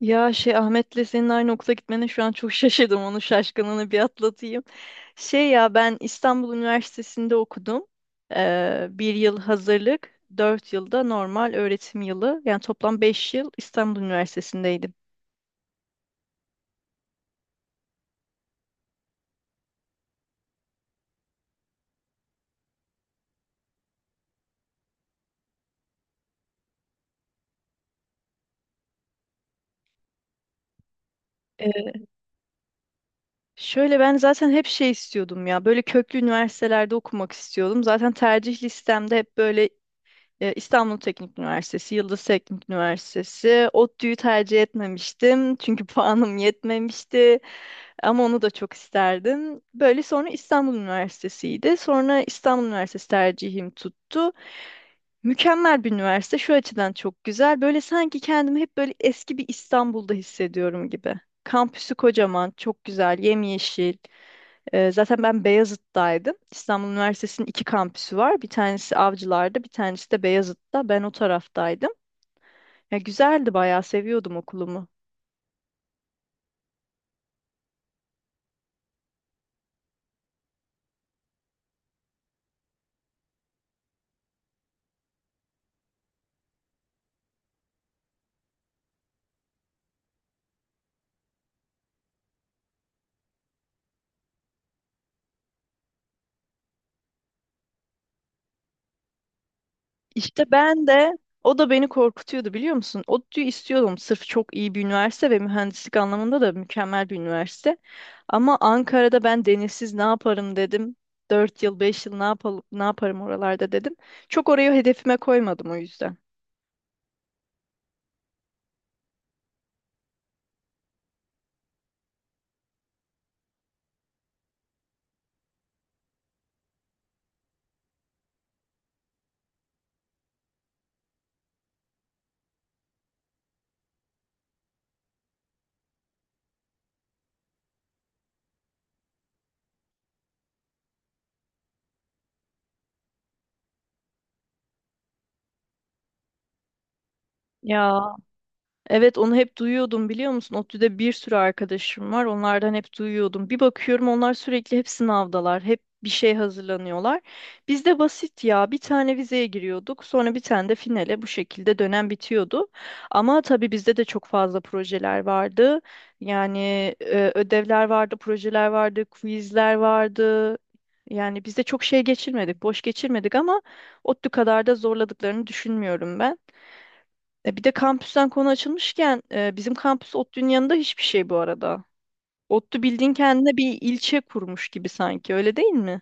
Ya şey Ahmet'le senin aynı okula gitmene şu an çok şaşırdım. Onun şaşkınlığını bir atlatayım. Şey ya ben İstanbul Üniversitesi'nde okudum. Bir yıl hazırlık, 4 yılda normal öğretim yılı. Yani toplam 5 yıl İstanbul Üniversitesi'ndeydim. Ee, Şöyle ben zaten hep şey istiyordum ya. Böyle köklü üniversitelerde okumak istiyordum. Zaten tercih listemde hep böyle İstanbul Teknik Üniversitesi, Yıldız Teknik Üniversitesi. ODTÜ'yü tercih etmemiştim. Çünkü puanım yetmemişti. Ama onu da çok isterdim. Böyle sonra İstanbul Üniversitesi'ydi. Sonra İstanbul Üniversitesi tercihim tuttu. Mükemmel bir üniversite. Şu açıdan çok güzel. Böyle sanki kendimi hep böyle eski bir İstanbul'da hissediyorum gibi. Kampüsü kocaman, çok güzel, yemyeşil. Zaten ben Beyazıt'taydım. İstanbul Üniversitesi'nin iki kampüsü var. Bir tanesi Avcılar'da, bir tanesi de Beyazıt'ta. Ben o taraftaydım. Ya güzeldi bayağı, seviyordum okulumu. İşte ben de o da beni korkutuyordu biliyor musun? ODTÜ'yü istiyordum sırf çok iyi bir üniversite ve mühendislik anlamında da mükemmel bir üniversite. Ama Ankara'da ben denizsiz ne yaparım dedim. Dört yıl 5 yıl ne yapalım ne yaparım oralarda dedim. Çok orayı hedefime koymadım o yüzden. Ya evet onu hep duyuyordum biliyor musun? ODTÜ'de bir sürü arkadaşım var. Onlardan hep duyuyordum. Bir bakıyorum onlar sürekli hep sınavdalar. Hep bir şey hazırlanıyorlar. Bizde basit ya. Bir tane vizeye giriyorduk. Sonra bir tane de finale bu şekilde dönem bitiyordu. Ama tabii bizde de çok fazla projeler vardı. Yani ödevler vardı, projeler vardı, quizler vardı. Yani bizde çok şey geçirmedik, boş geçirmedik ama ODTÜ kadar da zorladıklarını düşünmüyorum ben. Bir de kampüsten konu açılmışken bizim kampüs ODTÜ'nün yanında hiçbir şey bu arada. ODTÜ bildiğin kendine bir ilçe kurmuş gibi sanki öyle değil mi?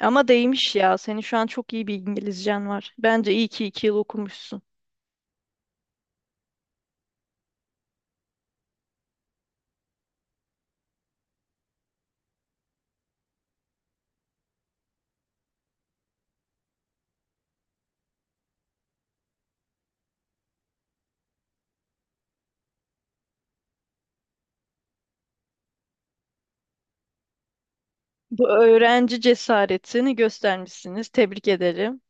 Ama değmiş ya. Senin şu an çok iyi bir İngilizcen var. Bence iyi ki 2 yıl okumuşsun. Bu öğrenci cesaretini göstermişsiniz. Tebrik ederim.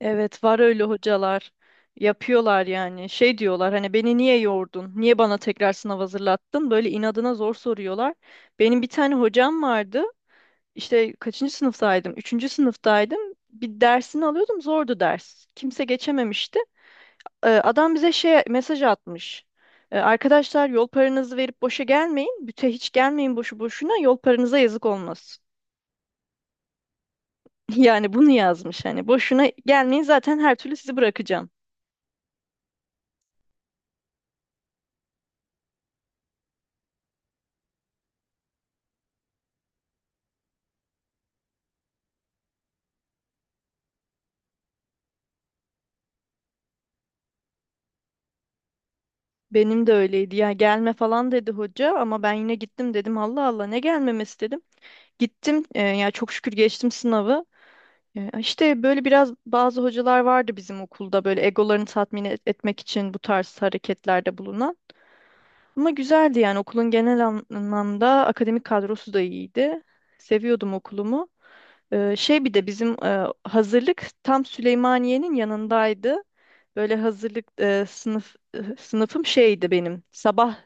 Evet var öyle hocalar. Yapıyorlar yani. Şey diyorlar hani beni niye yordun? Niye bana tekrar sınav hazırlattın? Böyle inadına zor soruyorlar. Benim bir tane hocam vardı. İşte kaçıncı sınıftaydım? Üçüncü sınıftaydım. Bir dersini alıyordum. Zordu ders. Kimse geçememişti. Adam bize şey mesaj atmış. Arkadaşlar yol paranızı verip boşa gelmeyin. Büte hiç gelmeyin boşu boşuna. Yol paranıza yazık olmasın. Yani bunu yazmış hani. Boşuna gelmeyin zaten her türlü sizi bırakacağım. Benim de öyleydi ya gelme falan dedi hoca ama ben yine gittim dedim Allah Allah ne gelmemesi dedim. Gittim ya çok şükür geçtim sınavı. Ya İşte böyle biraz bazı hocalar vardı bizim okulda böyle egolarını tatmin etmek için bu tarz hareketlerde bulunan. Ama güzeldi yani okulun genel anlamda akademik kadrosu da iyiydi. Seviyordum okulumu. Şey bir de bizim hazırlık tam Süleymaniye'nin yanındaydı. Böyle hazırlık sınıfım şeydi benim. Sabah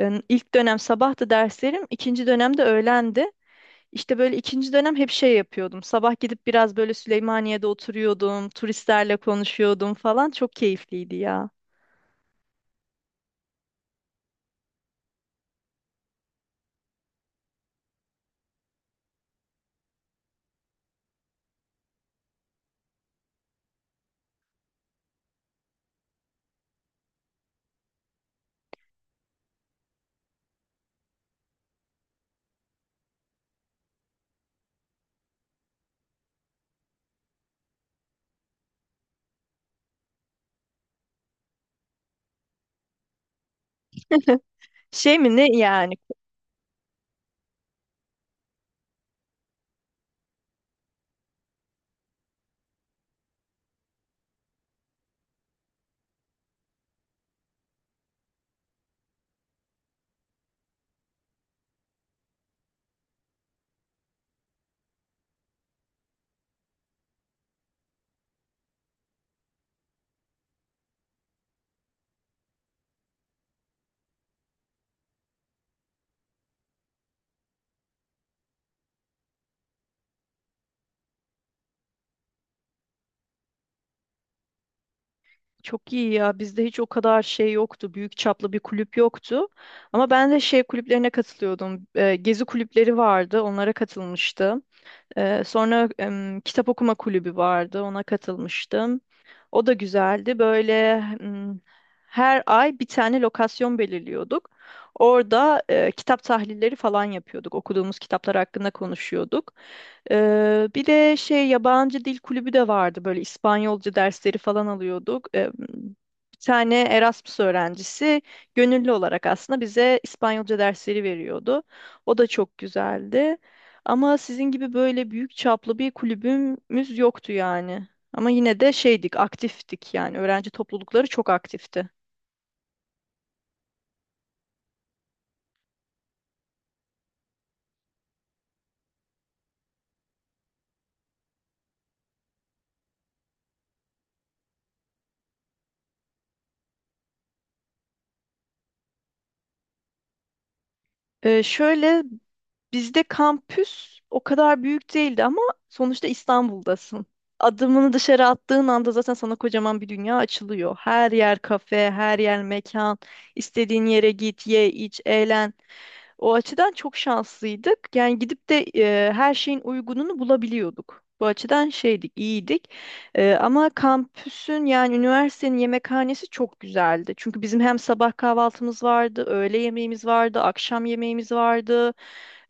e, İlk dönem sabahtı derslerim, ikinci dönemde öğlendi. İşte böyle ikinci dönem hep şey yapıyordum. Sabah gidip biraz böyle Süleymaniye'de oturuyordum, turistlerle konuşuyordum falan. Çok keyifliydi ya. Şey mi ne yani? Çok iyi ya. Bizde hiç o kadar şey yoktu. Büyük çaplı bir kulüp yoktu. Ama ben de şey kulüplerine katılıyordum. Gezi kulüpleri vardı. Onlara katılmıştım. Sonra kitap okuma kulübü vardı, ona katılmıştım. O da güzeldi. Böyle her ay bir tane lokasyon belirliyorduk. Orada kitap tahlilleri falan yapıyorduk. Okuduğumuz kitaplar hakkında konuşuyorduk. Bir de şey yabancı dil kulübü de vardı. Böyle İspanyolca dersleri falan alıyorduk. Bir tane Erasmus öğrencisi gönüllü olarak aslında bize İspanyolca dersleri veriyordu. O da çok güzeldi. Ama sizin gibi böyle büyük çaplı bir kulübümüz yoktu yani. Ama yine de şeydik, aktiftik yani. Öğrenci toplulukları çok aktifti. Şöyle bizde kampüs o kadar büyük değildi ama sonuçta İstanbul'dasın. Adımını dışarı attığın anda zaten sana kocaman bir dünya açılıyor. Her yer kafe, her yer mekan. İstediğin yere git, ye, iç, eğlen. O açıdan çok şanslıydık. Yani gidip de her şeyin uygununu bulabiliyorduk. Bu açıdan şeydik, iyiydik. Ama kampüsün yani üniversitenin yemekhanesi çok güzeldi. Çünkü bizim hem sabah kahvaltımız vardı, öğle yemeğimiz vardı, akşam yemeğimiz vardı.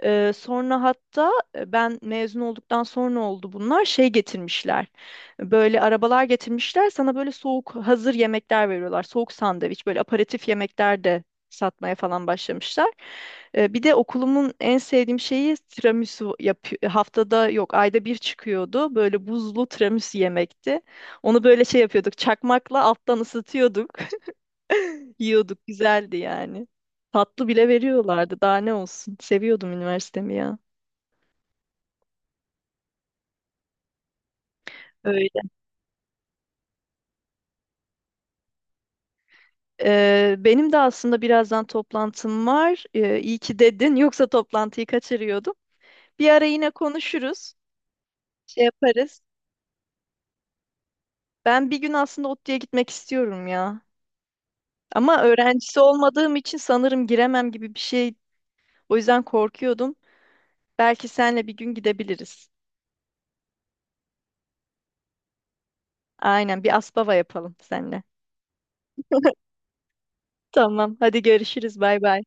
Sonra hatta ben mezun olduktan sonra oldu bunlar şey getirmişler. Böyle arabalar getirmişler sana böyle soğuk hazır yemekler veriyorlar. Soğuk sandviç böyle aperatif yemekler de satmaya falan başlamışlar. Bir de okulumun en sevdiğim şeyi tiramisu yapıyor. Haftada yok ayda bir çıkıyordu. Böyle buzlu tiramisu yemekti. Onu böyle şey yapıyorduk çakmakla alttan ısıtıyorduk. Yiyorduk güzeldi yani. Tatlı bile veriyorlardı. Daha ne olsun. Seviyordum üniversitemi ya. Öyle. Benim de aslında birazdan toplantım var. İyi ki dedin. Yoksa toplantıyı kaçırıyordum. Bir ara yine konuşuruz. Şey yaparız. Ben bir gün aslında ODTÜ'ye gitmek istiyorum ya. Ama öğrencisi olmadığım için sanırım giremem gibi bir şey. O yüzden korkuyordum. Belki senle bir gün gidebiliriz. Aynen bir aspava yapalım seninle. Tamam. Hadi görüşürüz. Bay bay.